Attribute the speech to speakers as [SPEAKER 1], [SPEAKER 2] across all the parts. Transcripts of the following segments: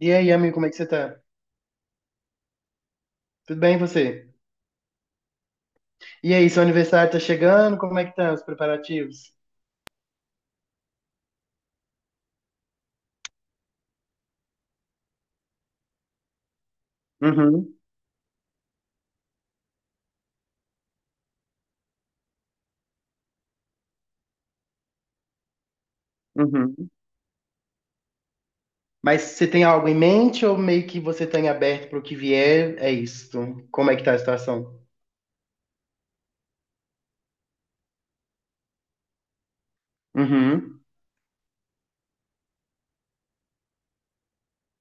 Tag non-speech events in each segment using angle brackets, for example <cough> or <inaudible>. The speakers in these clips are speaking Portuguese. [SPEAKER 1] E aí, amigo, como é que você tá? Tudo bem, e você? E aí, seu aniversário tá chegando? Como é que tá os preparativos? Uhum, uhum. Mas você tem algo em mente ou meio que você tá em aberto para o que vier? É isso. Como é que tá a situação? Uhum.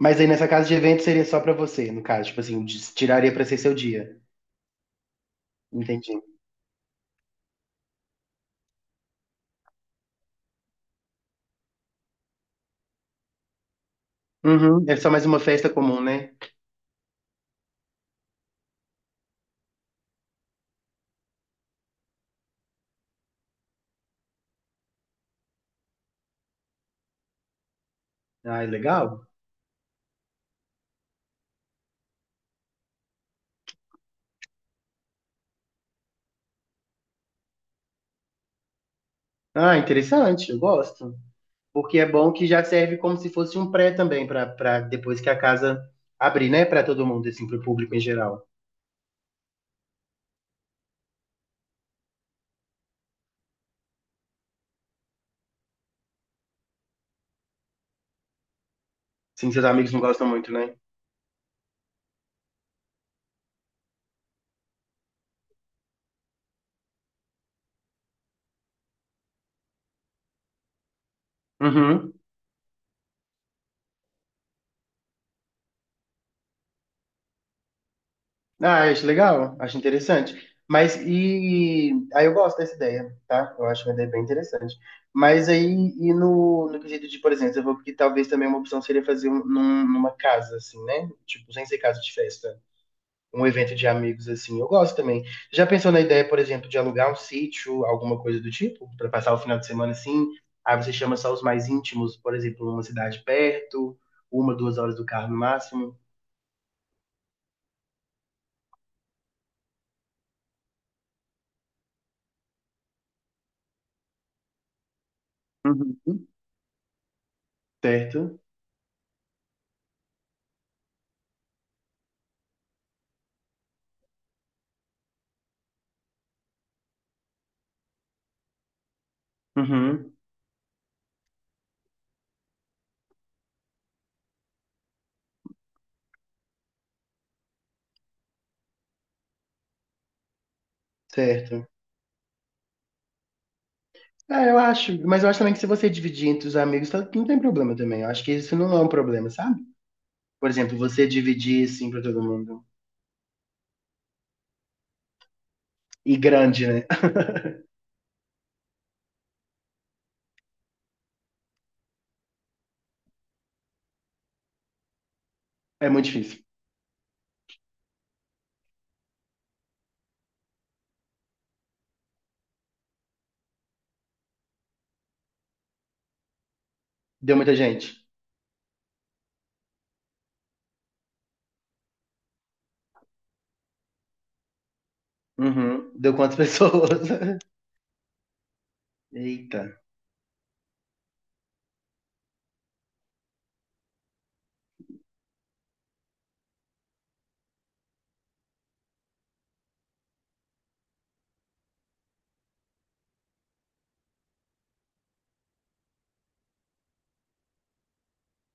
[SPEAKER 1] Mas aí nessa casa de evento seria só pra você, no caso, tipo assim, tiraria pra ser seu dia. Entendi. Uhum. É só mais uma festa comum, né? Ah, legal. Ah, interessante, eu gosto. Porque é bom que já serve como se fosse um pré também, para depois que a casa abrir, né? Para todo mundo, assim, para o público em geral. Sim, seus amigos não gostam muito, né? Uhum. Ah, acho legal, acho interessante. Mas e. Aí eu gosto dessa ideia, tá? Eu acho uma ideia bem interessante. Mas aí, e no quesito de, por exemplo, eu vou porque talvez também uma opção seria fazer um, numa casa, assim, né? Tipo, sem ser casa de festa. Um evento de amigos assim, eu gosto também. Já pensou na ideia, por exemplo, de alugar um sítio, alguma coisa do tipo, para passar o final de semana assim? Aí você chama só os mais íntimos, por exemplo, numa cidade perto, uma, duas horas do carro no máximo. Uhum. Certo? Uhum. Certo. Ah, eu acho, mas eu acho também que se você dividir entre os amigos, não tem problema também. Eu acho que isso não é um problema, sabe? Por exemplo, você dividir assim pra todo mundo. E grande, né? <laughs> É muito difícil. Deu muita gente. Uhum. Deu quantas pessoas? <laughs> Eita.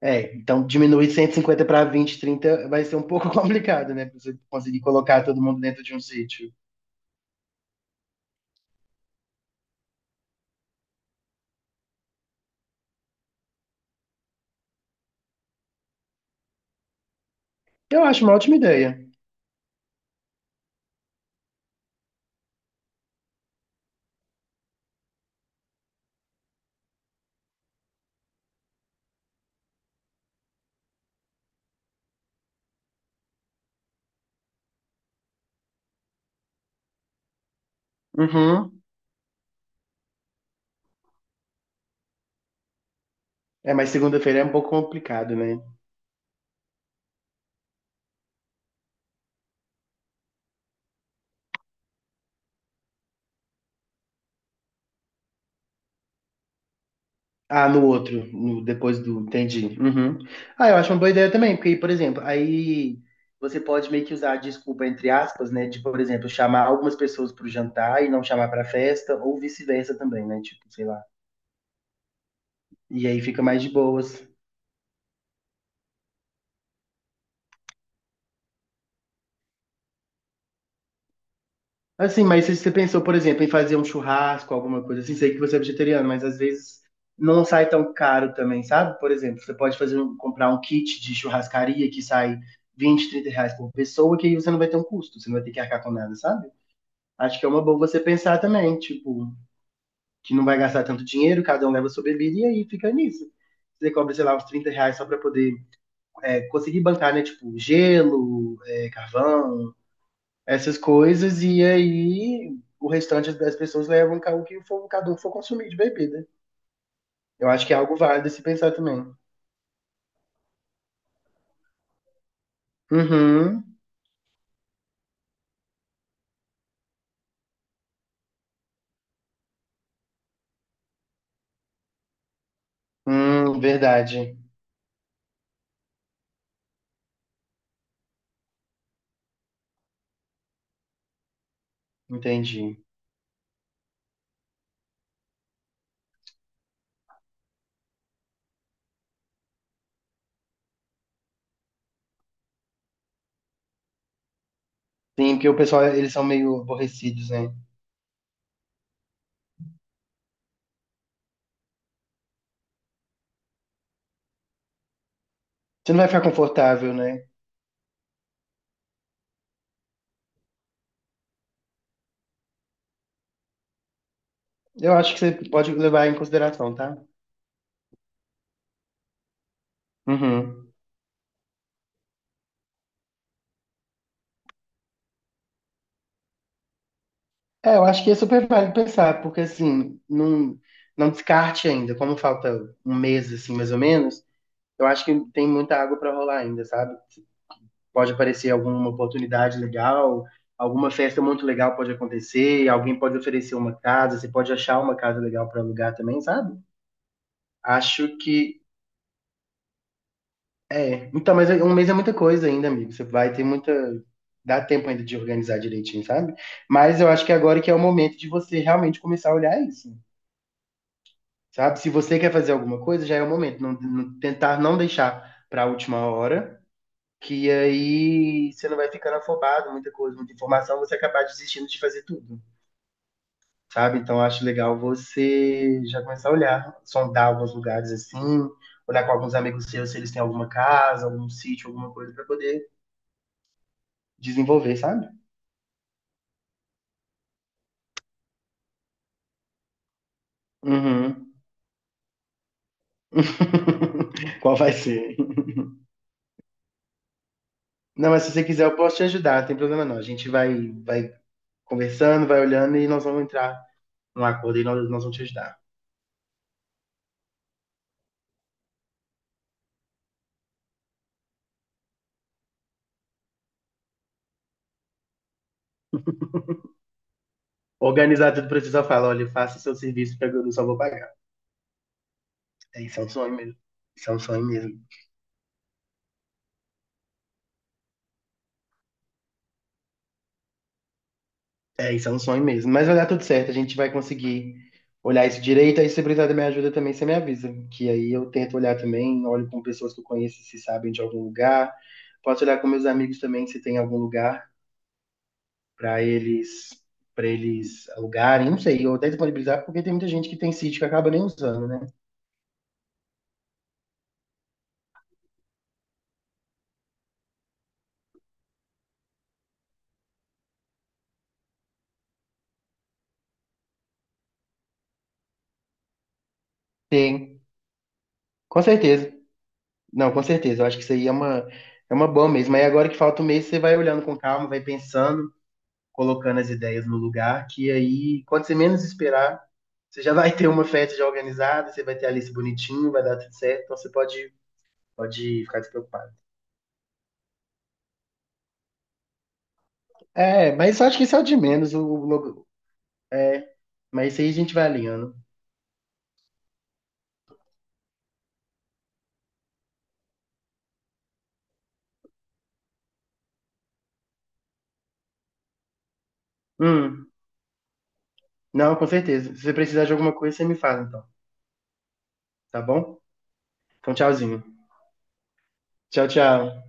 [SPEAKER 1] É, então diminuir 150 para 20, 30 vai ser um pouco <laughs> complicado, né? Pra você conseguir colocar todo mundo dentro de um sítio. Eu acho uma ótima ideia. Uhum. É, mas segunda-feira é um pouco complicado, né? Ah, no outro, depois do. Entendi. Uhum. Ah, eu acho uma boa ideia também, porque, por exemplo, aí você pode meio que usar a desculpa entre aspas, né? De, por exemplo, chamar algumas pessoas para o jantar e não chamar para a festa, ou vice-versa também, né? Tipo, sei lá. E aí fica mais de boas. Assim, mas se você pensou, por exemplo, em fazer um churrasco, alguma coisa assim, sei que você é vegetariano, mas às vezes não sai tão caro também, sabe? Por exemplo, você pode fazer comprar um kit de churrascaria que sai 20 a 30 reais por pessoa, que aí você não vai ter um custo, você não vai ter que arcar com nada, sabe? Acho que é uma boa você pensar também, tipo, que não vai gastar tanto dinheiro, cada um leva sua bebida e aí fica nisso. Você cobra, sei lá, uns 30 reais só pra poder conseguir bancar, né? Tipo, gelo, é, carvão, essas coisas, e aí o restante das pessoas levam o que o cada um for consumir de bebida. Eu acho que é algo válido se pensar também. Uhum. Verdade. Entendi. Sim, porque o pessoal, eles são meio aborrecidos, né? Você não vai ficar confortável, né? Eu acho que você pode levar em consideração, tá? Uhum. É, eu acho que é super válido pensar, porque assim, não, não descarte ainda, como falta 1 mês, assim, mais ou menos, eu acho que tem muita água pra rolar ainda, sabe? Pode aparecer alguma oportunidade legal, alguma festa muito legal pode acontecer, alguém pode oferecer uma casa, você pode achar uma casa legal para alugar também, sabe? Acho que é. Então, mas um mês é muita coisa ainda, amigo. Você vai ter muita. Dá tempo ainda de organizar direitinho, sabe? Mas eu acho que agora que é o momento de você realmente começar a olhar isso, sabe? Se você quer fazer alguma coisa, já é o momento. Tentar não deixar para a última hora que aí você não vai ficando afobado, muita coisa, muita informação, você acabar desistindo de fazer tudo, sabe? Então acho legal você já começar a olhar, sondar alguns lugares assim, olhar com alguns amigos seus se eles têm alguma casa, algum sítio, alguma coisa pra poder desenvolver, sabe? Uhum. <laughs> Qual vai ser? Não, mas se você quiser, eu posso te ajudar, não tem problema não. A gente vai conversando, vai olhando e nós vamos entrar num acordo e nós vamos te ajudar. Organizar tudo pra você só falar, olha, faça seu serviço, porque eu só vou pagar. É, isso é um sonho mesmo. Isso é um sonho mesmo. É, isso é um sonho mesmo. Mas vai dar tudo certo, a gente vai conseguir olhar isso direito. Aí, se precisar da minha ajuda também, você me avisa. Que aí eu tento olhar também, olho com pessoas que eu conheço se sabem de algum lugar. Posso olhar com meus amigos também se tem algum lugar para eles para eles alugarem, não sei, ou até disponibilizar, porque tem muita gente que tem sítio que acaba nem usando, né? Tem, com certeza. Não, com certeza. Eu acho que é uma boa mesmo. Aí agora que falta 1 mês, você vai olhando com calma, vai pensando, colocando as ideias no lugar, que aí, quando você menos esperar, você já vai ter uma festa já organizada, você vai ter a lista bonitinho, vai dar tudo certo, então pode ficar despreocupado. É, mas eu acho que isso é o de menos, o logo. É, mas isso aí a gente vai alinhando. Hum, não, com certeza. Se você precisar de alguma coisa, você me fala então, tá bom? Então, tchauzinho. Tchau, tchau.